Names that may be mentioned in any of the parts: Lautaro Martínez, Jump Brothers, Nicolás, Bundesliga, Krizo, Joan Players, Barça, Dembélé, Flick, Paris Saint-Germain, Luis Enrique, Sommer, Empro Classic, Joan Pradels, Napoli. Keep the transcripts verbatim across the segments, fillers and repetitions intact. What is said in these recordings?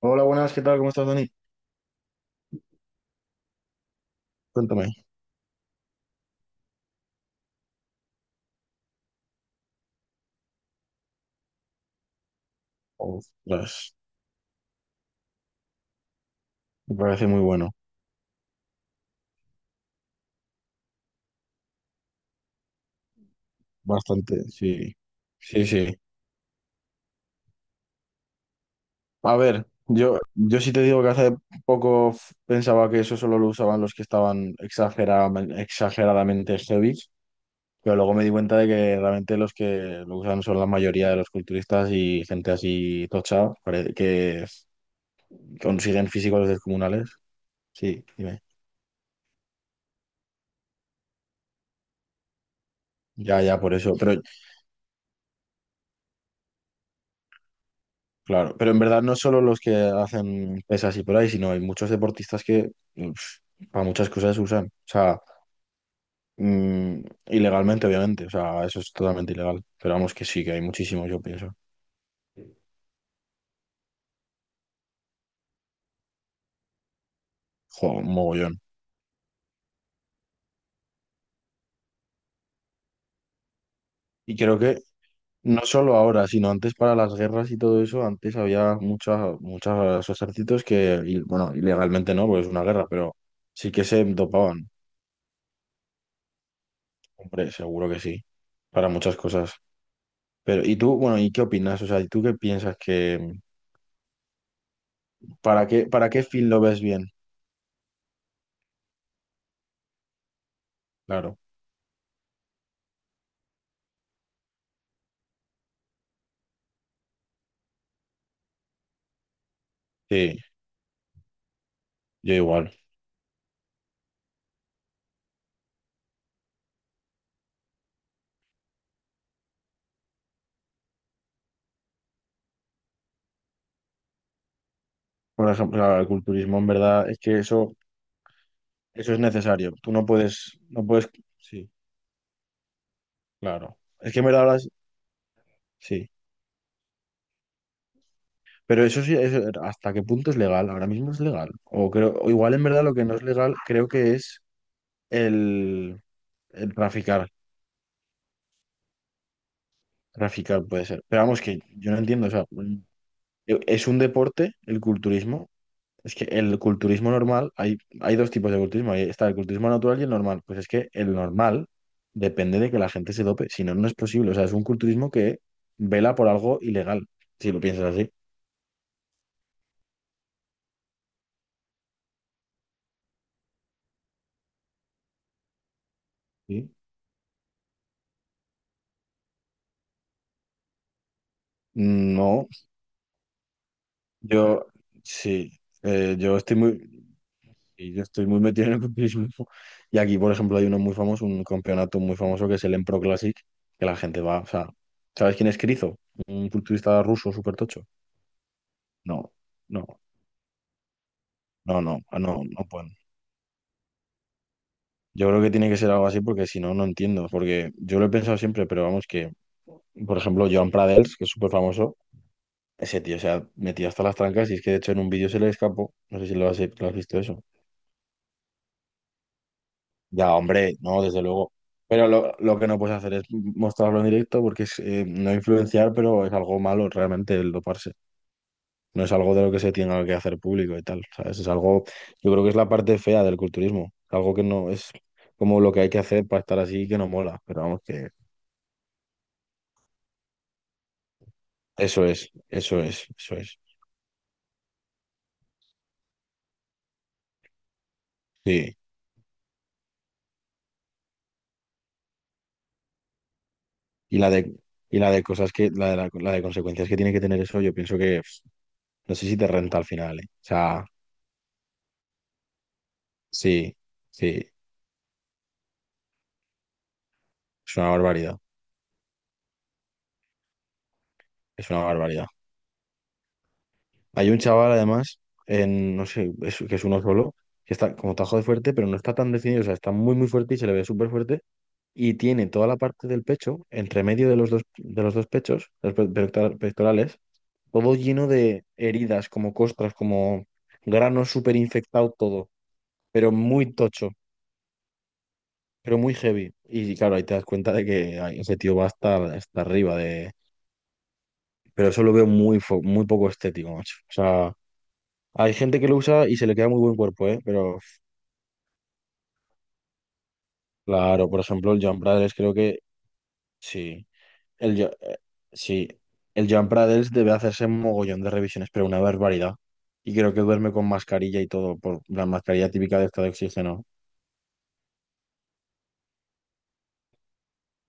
Hola, buenas, ¿qué tal? ¿Cómo estás, Dani? Cuéntame. Ostras, me parece muy bueno. Bastante, sí. Sí, sí. A ver, yo, yo sí te digo que hace poco f- pensaba que eso solo lo usaban los que estaban exageradamente, exageradamente heavy, pero luego me di cuenta de que realmente los que lo usan son la mayoría de los culturistas y gente así tocha, pare- que f- consiguen físicos descomunales. Sí, dime. Ya, ya, por eso. Pero claro, pero en verdad no solo los que hacen pesas y por ahí, sino hay muchos deportistas que uf, para muchas cosas usan. O sea, mm, ilegalmente, obviamente. O sea, eso es totalmente ilegal. Pero vamos que sí, que hay muchísimos, yo pienso. Jo, un mogollón. Y creo que no solo ahora, sino antes para las guerras y todo eso, antes había muchas, muchos ejércitos que, y, bueno, ilegalmente no, porque es una guerra, pero sí que se dopaban. Hombre, seguro que sí. Para muchas cosas. Pero ¿y tú, bueno, y qué opinas? O sea, ¿y tú qué piensas que ¿Para qué, para qué fin lo ves bien? Claro, sí, yo igual. Por ejemplo, claro, el culturismo en verdad es que eso, eso es necesario. Tú no puedes, no puedes, sí, claro. Es que en verdad ahora es- sí. Pero eso sí, eso, ¿hasta qué punto es legal? Ahora mismo es legal. O creo, o igual en verdad lo que no es legal creo que es el, el traficar. Traficar puede ser. Pero vamos que yo no entiendo, o sea, es un deporte el culturismo. Es que el culturismo normal, hay, hay dos tipos de culturismo. Ahí está el culturismo natural y el normal. Pues es que el normal depende de que la gente se dope, si no, no es posible. O sea, es un culturismo que vela por algo ilegal, si lo piensas así. Sí. No, yo sí, eh, yo estoy muy, sí, yo estoy muy metido en el culturismo. Y aquí, por ejemplo, hay uno muy famoso, un campeonato muy famoso que es el Empro Classic, que la gente va, o sea, ¿sabes quién es Krizo? Un culturista ruso súper tocho. No, no, no, no, no, no, puedo, no. Yo creo que tiene que ser algo así porque si no, no entiendo. Porque yo lo he pensado siempre, pero vamos que, por ejemplo, Joan Pradels, que es súper famoso, ese tío se ha metido hasta las trancas y es que de hecho en un vídeo se le escapó. No sé si lo has, lo has visto eso. Ya, hombre, no, desde luego. Pero lo, lo que no puedes hacer es mostrarlo en directo porque es eh, no influenciar, pero es algo malo realmente el doparse. No es algo de lo que se tenga que hacer público y tal, ¿sabes? Es algo, yo creo que es la parte fea del culturismo. Algo que no es como lo que hay que hacer para estar así que no mola, pero vamos que... Eso es, eso es, eso es. Sí. Y la de, y la de cosas que, la de, la, la de consecuencias que tiene que tener eso, yo pienso que pf, no sé si te renta al final, ¿eh? O sea, sí, sí, es una barbaridad, es una barbaridad. Hay un chaval además, en, no sé, es- que es uno solo, que está como tajo de fuerte, pero no está tan definido, o sea, está muy, muy fuerte y se le ve súper fuerte y tiene toda la parte del pecho, entre medio de los dos, de los dos pechos, los pe- pectora- pectorales todo lleno de heridas, como costras, como granos súper infectado todo, pero muy tocho, pero muy heavy. Y claro, ahí te das cuenta de que ay, ese tío va hasta, hasta arriba de... Pero eso lo veo muy, fo- muy poco estético, macho. O sea, hay gente que lo usa y se le queda muy buen cuerpo, ¿eh? Pero claro, por ejemplo, el Jump Brothers creo que sí. El, Ju- eh, sí. El Jump Brothers debe hacerse mogollón de revisiones, pero una barbaridad. Y creo que duerme con mascarilla y todo, por la mascarilla típica de estado de oxígeno.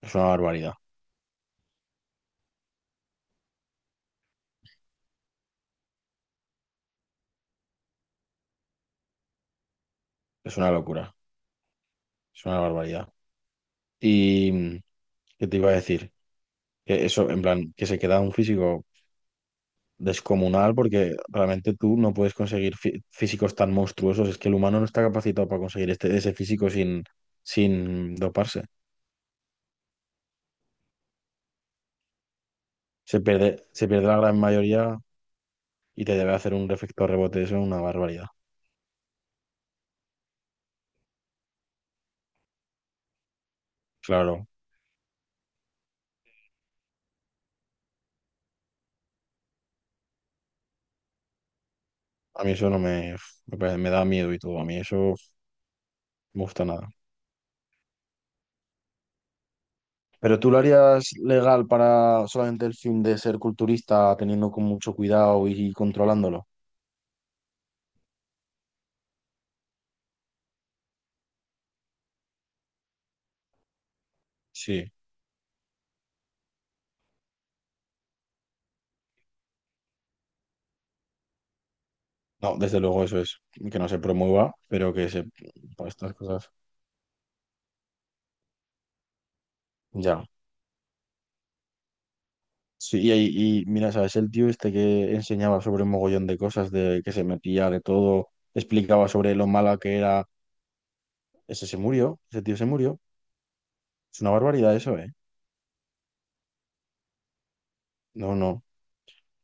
Es una barbaridad, es una locura, es una barbaridad. Y mm, qué te iba a decir, que eso, en plan, que se queda un físico descomunal porque realmente tú no puedes conseguir fí- físicos tan monstruosos. Es que el humano no está capacitado para conseguir este, ese físico sin, sin doparse. Se pierde, se pierde la gran mayoría y te debe hacer un efecto rebote, eso es una barbaridad. Claro, a mí eso no me, me, parece- me da miedo y todo, a mí eso no me gusta nada. Pero tú lo harías legal para solamente el fin de ser culturista, teniendo con mucho cuidado y controlándolo. Sí, no, desde luego eso es, que no se promueva, pero que se... pues, estas cosas. Ya. Sí, y, ahí- y mira, ¿sabes? El tío este que enseñaba sobre un mogollón de cosas, de que se metía de todo, explicaba sobre lo mala que era, ese se murió, ese tío se murió. Es una barbaridad eso, ¿eh? No, no.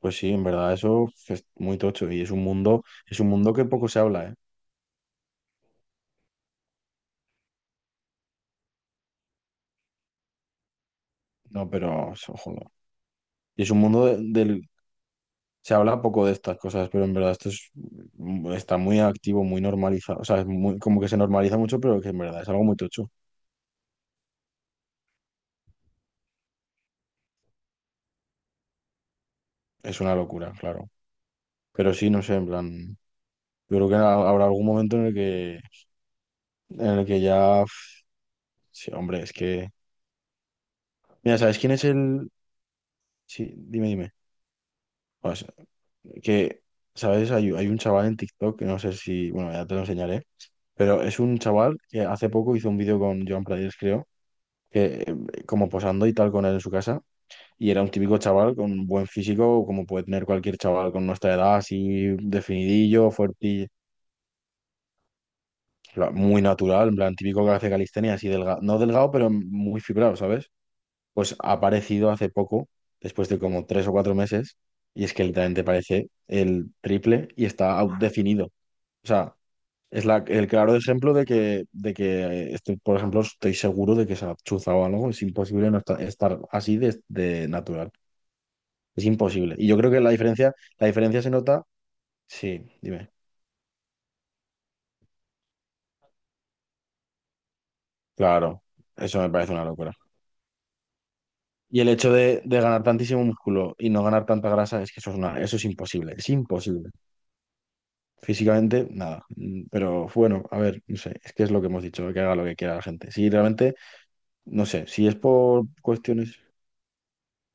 Pues sí, en verdad, eso es muy tocho y es un mundo, es un mundo que poco se habla, ¿eh? No, pero, ojo, no. Y es un mundo de- del... Se habla poco de estas cosas, pero en verdad esto es, mm, está muy activo, muy normalizado. O sea, es muy, como que se normaliza mucho, pero que en verdad es algo muy tocho. Es una locura, claro. Pero sí, no sé, en plan... Yo creo que ha- habrá algún momento en el que, en el que ya... Sí, hombre, es que... Mira, ¿sabes quién es el...? Sí, dime, dime. Pues, que, ¿sabes? Hay, hay un chaval en TikTok, que no sé si... Bueno, ya te lo enseñaré. Pero es un chaval que hace poco hizo un vídeo con Joan Players, creo, que eh, como posando y tal con él en su casa. Y era un típico chaval con un buen físico, como puede tener cualquier chaval con nuestra edad, así definidillo, fuerte, y- la- muy natural, en plan típico que hace calistenia, así delgado, no delgado, pero muy fibrado, ¿sabes? Pues ha aparecido hace poco, después de como tres o cuatro meses, y es que literalmente parece el triple y está out- definido. O sea, es la, el claro ejemplo de que, de que eh, estoy, por ejemplo, estoy seguro de que se ha chuzado algo, es imposible no estar, estar así de de natural. Es imposible. Y yo creo que la diferencia, la diferencia se nota. Sí, dime. Claro, eso me parece una locura. Y el hecho de, de ganar tantísimo músculo y no ganar tanta grasa es que eso es una, eso es imposible, es imposible. Físicamente, nada. Mm, pero bueno, a ver, no sé, es que es lo que hemos dicho, que haga lo que quiera la gente. Si realmente, no sé, si es por cuestiones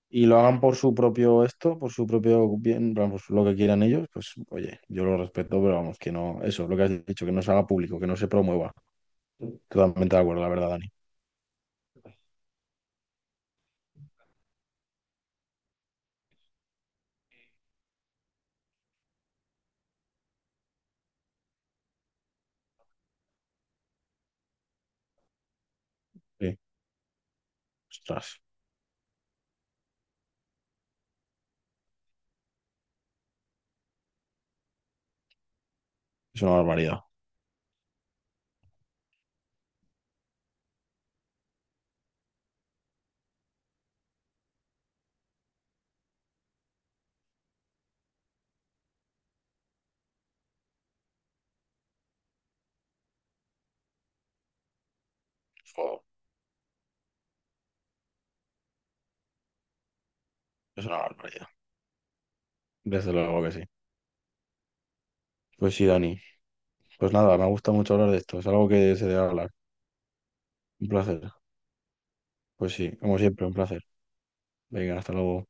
y lo hagan por su propio esto, por su propio bien, vamos, lo que quieran ellos, pues oye, yo lo respeto, pero vamos, que no, eso, lo que has dicho, que no se haga público, que no se promueva. Totalmente de acuerdo, la verdad, Dani. Sí. Ostras, es una barbaridad. Jo, es una barbaridad. Desde luego que sí. Pues sí, Dani. Pues nada, me gusta mucho hablar de esto. Es algo que se debe hablar. Un placer. Pues sí, como siempre, un placer. Venga, hasta luego.